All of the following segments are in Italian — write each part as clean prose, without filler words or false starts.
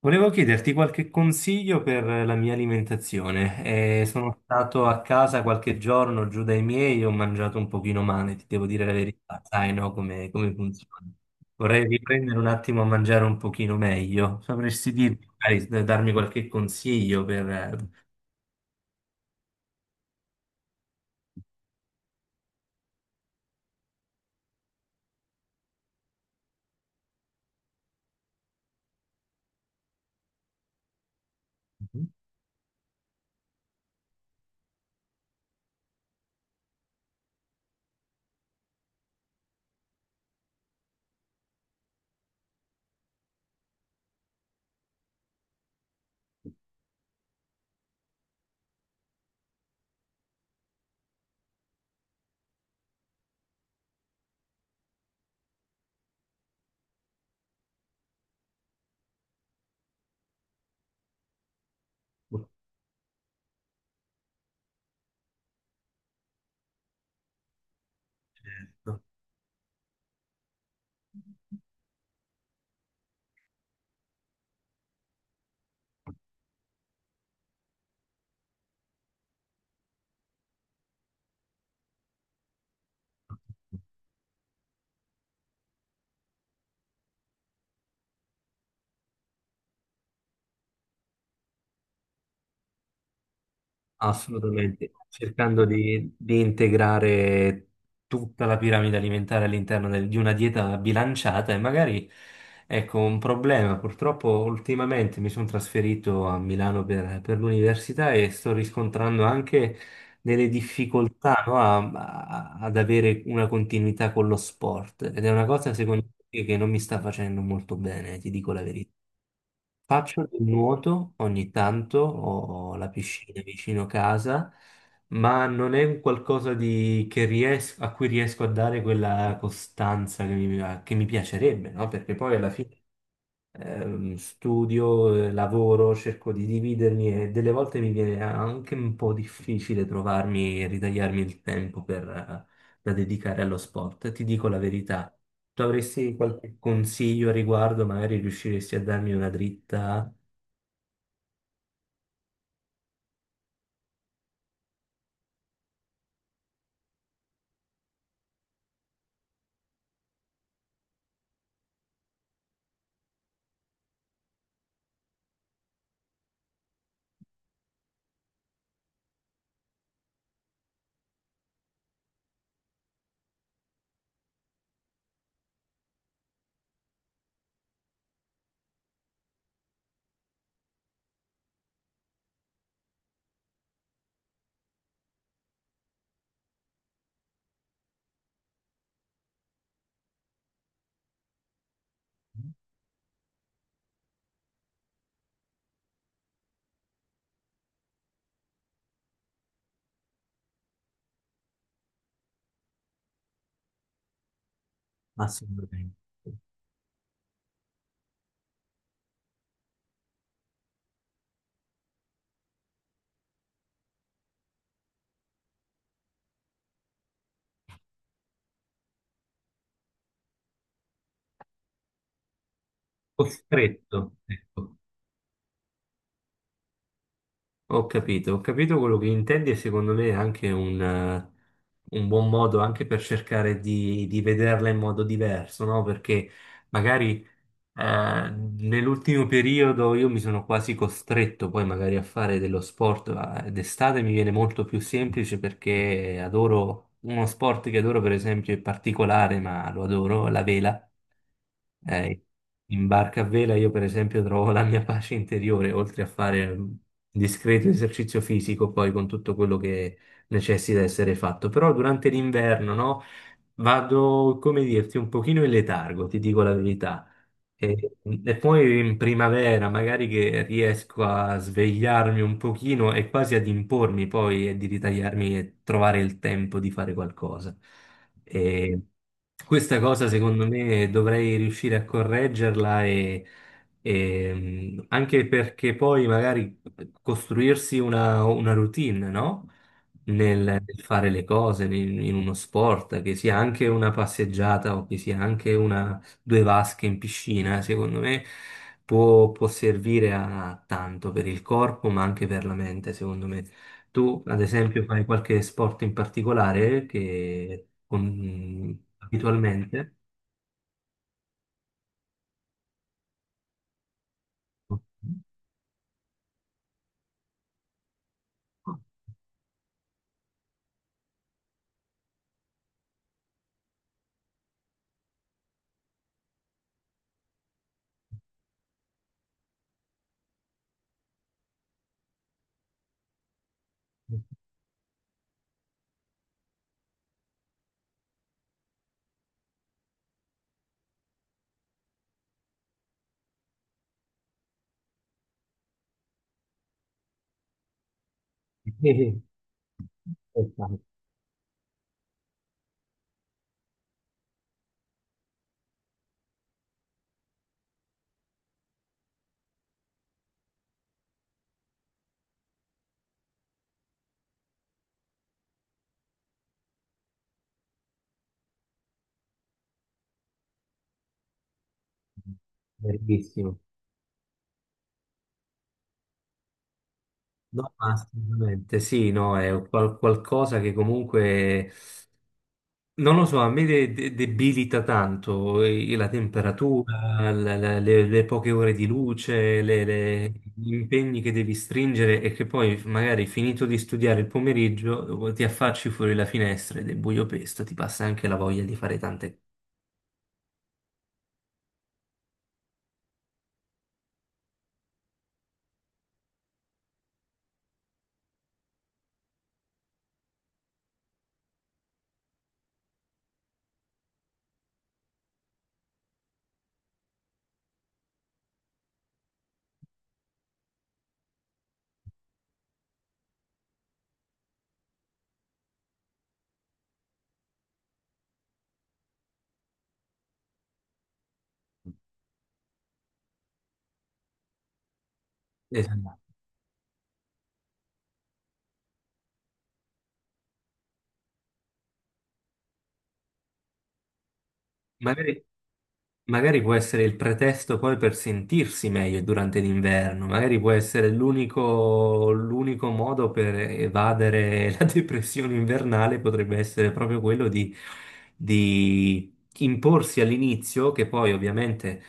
Volevo chiederti qualche consiglio per la mia alimentazione. Sono stato a casa qualche giorno giù dai miei, ho mangiato un pochino male, ti devo dire la verità, sai, no, come funziona. Vorrei riprendere un attimo a mangiare un pochino meglio. Sapresti dirmi, magari, darmi qualche consiglio per... Assolutamente, cercando di integrare tutta la piramide alimentare all'interno di una dieta bilanciata e magari, ecco, un problema. Purtroppo ultimamente mi sono trasferito a Milano per l'università e sto riscontrando anche delle difficoltà, no, ad avere una continuità con lo sport ed è una cosa secondo me che non mi sta facendo molto bene, ti dico la verità. Faccio del nuoto ogni tanto, ho la piscina vicino casa, ma non è un qualcosa di- che ries- a cui riesco a dare quella costanza che mi piacerebbe, no? Perché poi alla fine studio, lavoro, cerco di dividermi e delle volte mi viene anche un po' difficile trovarmi e ritagliarmi il tempo da dedicare allo sport. Ti dico la verità. Tu avresti qualche consiglio a riguardo, magari riusciresti a darmi una dritta? Assolutamente. Costretto, ecco. Ho capito quello che intendi e secondo me è anche un buon modo anche per cercare di vederla in modo diverso, no? Perché magari Eh, nell'ultimo periodo io mi sono quasi costretto poi magari a fare dello sport, ma d'estate mi viene molto più semplice perché adoro uno sport che adoro per esempio è particolare, ma lo adoro, la vela. Eh, In barca a vela io per esempio trovo la mia pace interiore, oltre a fare un discreto esercizio fisico poi con tutto quello che necessita essere fatto. Però durante l'inverno, no? Vado, come dirti, un pochino in letargo, ti dico la verità. E, e poi in primavera magari che riesco a svegliarmi un pochino e quasi ad impormi poi e di ritagliarmi e trovare il tempo di fare qualcosa. E questa cosa secondo me dovrei riuscire a correggerla anche perché poi magari costruirsi una routine, no? Nel fare le cose in uno sport, che sia anche una passeggiata o che sia anche due vasche in piscina, secondo me può servire a tanto per il corpo, ma anche per la mente, secondo me. Tu, ad esempio, fai qualche sport in particolare che abitualmente... Eh, esatto. Verissimo. No, ma assolutamente sì, no, è qualcosa che comunque non lo so, a me debilita tanto la temperatura, le poche ore di luce, gli impegni che devi stringere e che poi magari finito di studiare il pomeriggio ti affacci fuori la finestra ed è buio pesto, ti passa anche la voglia di fare tante cose. Magari magari può essere il pretesto poi per sentirsi meglio durante l'inverno, magari può essere l'unico modo per evadere la depressione invernale, potrebbe essere proprio quello di imporsi all'inizio, che poi ovviamente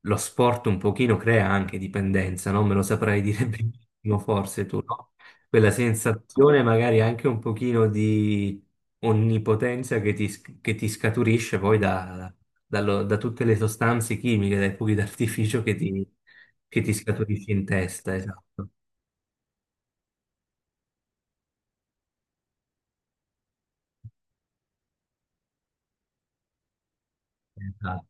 lo sport un pochino crea anche dipendenza, non me lo saprai dire benissimo forse tu, no? Quella sensazione magari anche un pochino di onnipotenza che ti, che ti scaturisce poi da, da tutte le sostanze chimiche, dai fuochi d'artificio che ti scaturisci in testa, esatto. Esatto.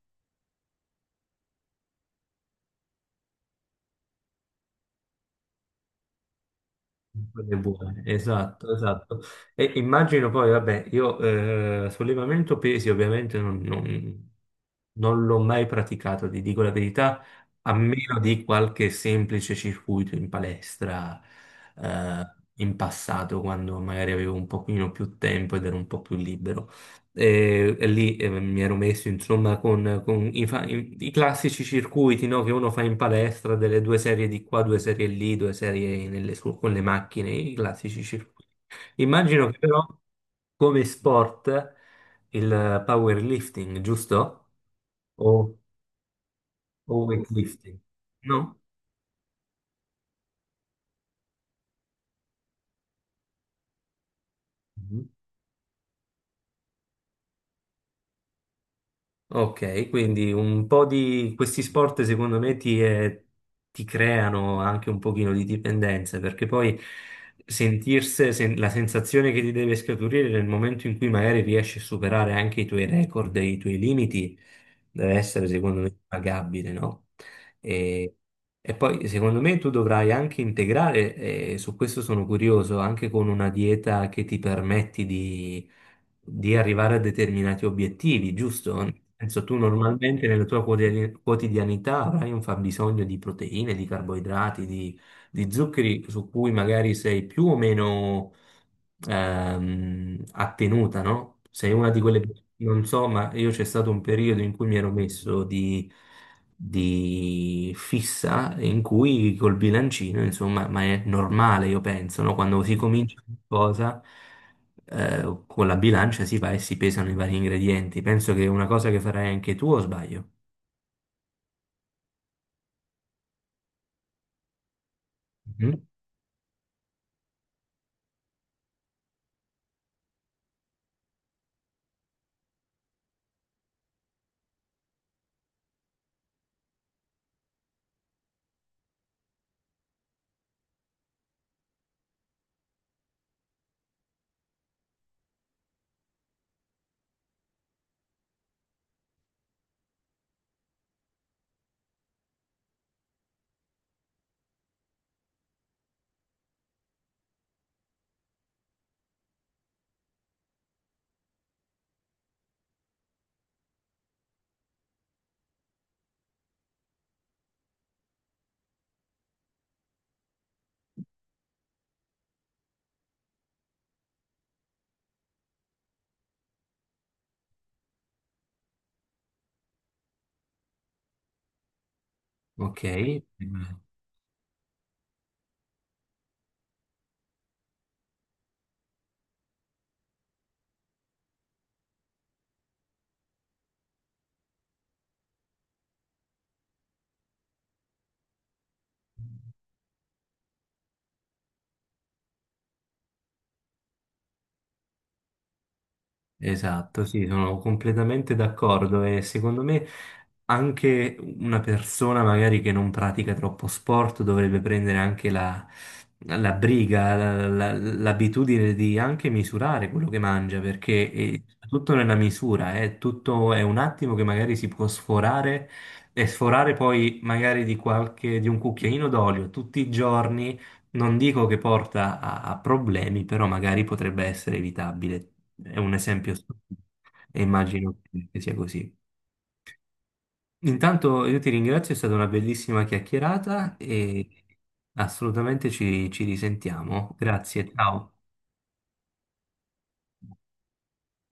Cose buone, esatto, esatto. E immagino poi, vabbè, io sollevamento pesi ovviamente non l'ho mai praticato, ti dico la verità, a meno di qualche semplice circuito in palestra in passato, quando magari avevo un pochino più tempo ed ero un po' più libero. E lì mi ero messo insomma con i, i classici circuiti no, che uno fa in palestra, delle due serie di qua, due serie lì, due serie con le macchine, i classici circuiti. Immagino che però come sport il powerlifting, giusto? O, o weightlifting? No? Ok, quindi un po' di questi sport secondo me ti, ti creano anche un pochino di dipendenza, perché poi sentirsi, la sensazione che ti deve scaturire nel momento in cui magari riesci a superare anche i tuoi record e i tuoi limiti deve essere secondo me pagabile, no? E, e poi secondo me tu dovrai anche integrare, e su questo sono curioso, anche con una dieta che ti permetti di arrivare a determinati obiettivi, giusto? Nel senso, tu normalmente nella tua quotidianità avrai un fabbisogno di proteine, di carboidrati, di zuccheri su cui magari sei più o meno attenuta, no? Sei una di quelle, non so, ma io c'è stato un periodo in cui mi ero messo di fissa in cui col bilancino, insomma, ma è normale, io penso, no? Quando si comincia qualcosa, con la bilancia si va e si pesano i vari ingredienti. Penso che è una cosa che farai anche tu, o sbaglio? Mhm. Ok. Esatto, sì, sono completamente d'accordo e secondo me anche una persona magari che non pratica troppo sport dovrebbe prendere anche la briga, l'abitudine di anche misurare quello che mangia, perché è tutto nella misura, è tutto è un attimo che magari si può sforare e sforare poi magari di qualche, di un cucchiaino d'olio tutti i giorni non dico che porta a problemi, però magari potrebbe essere evitabile. È un esempio stupido e immagino che sia così. Intanto io ti ringrazio, è stata una bellissima chiacchierata e assolutamente ci risentiamo. Grazie, ciao.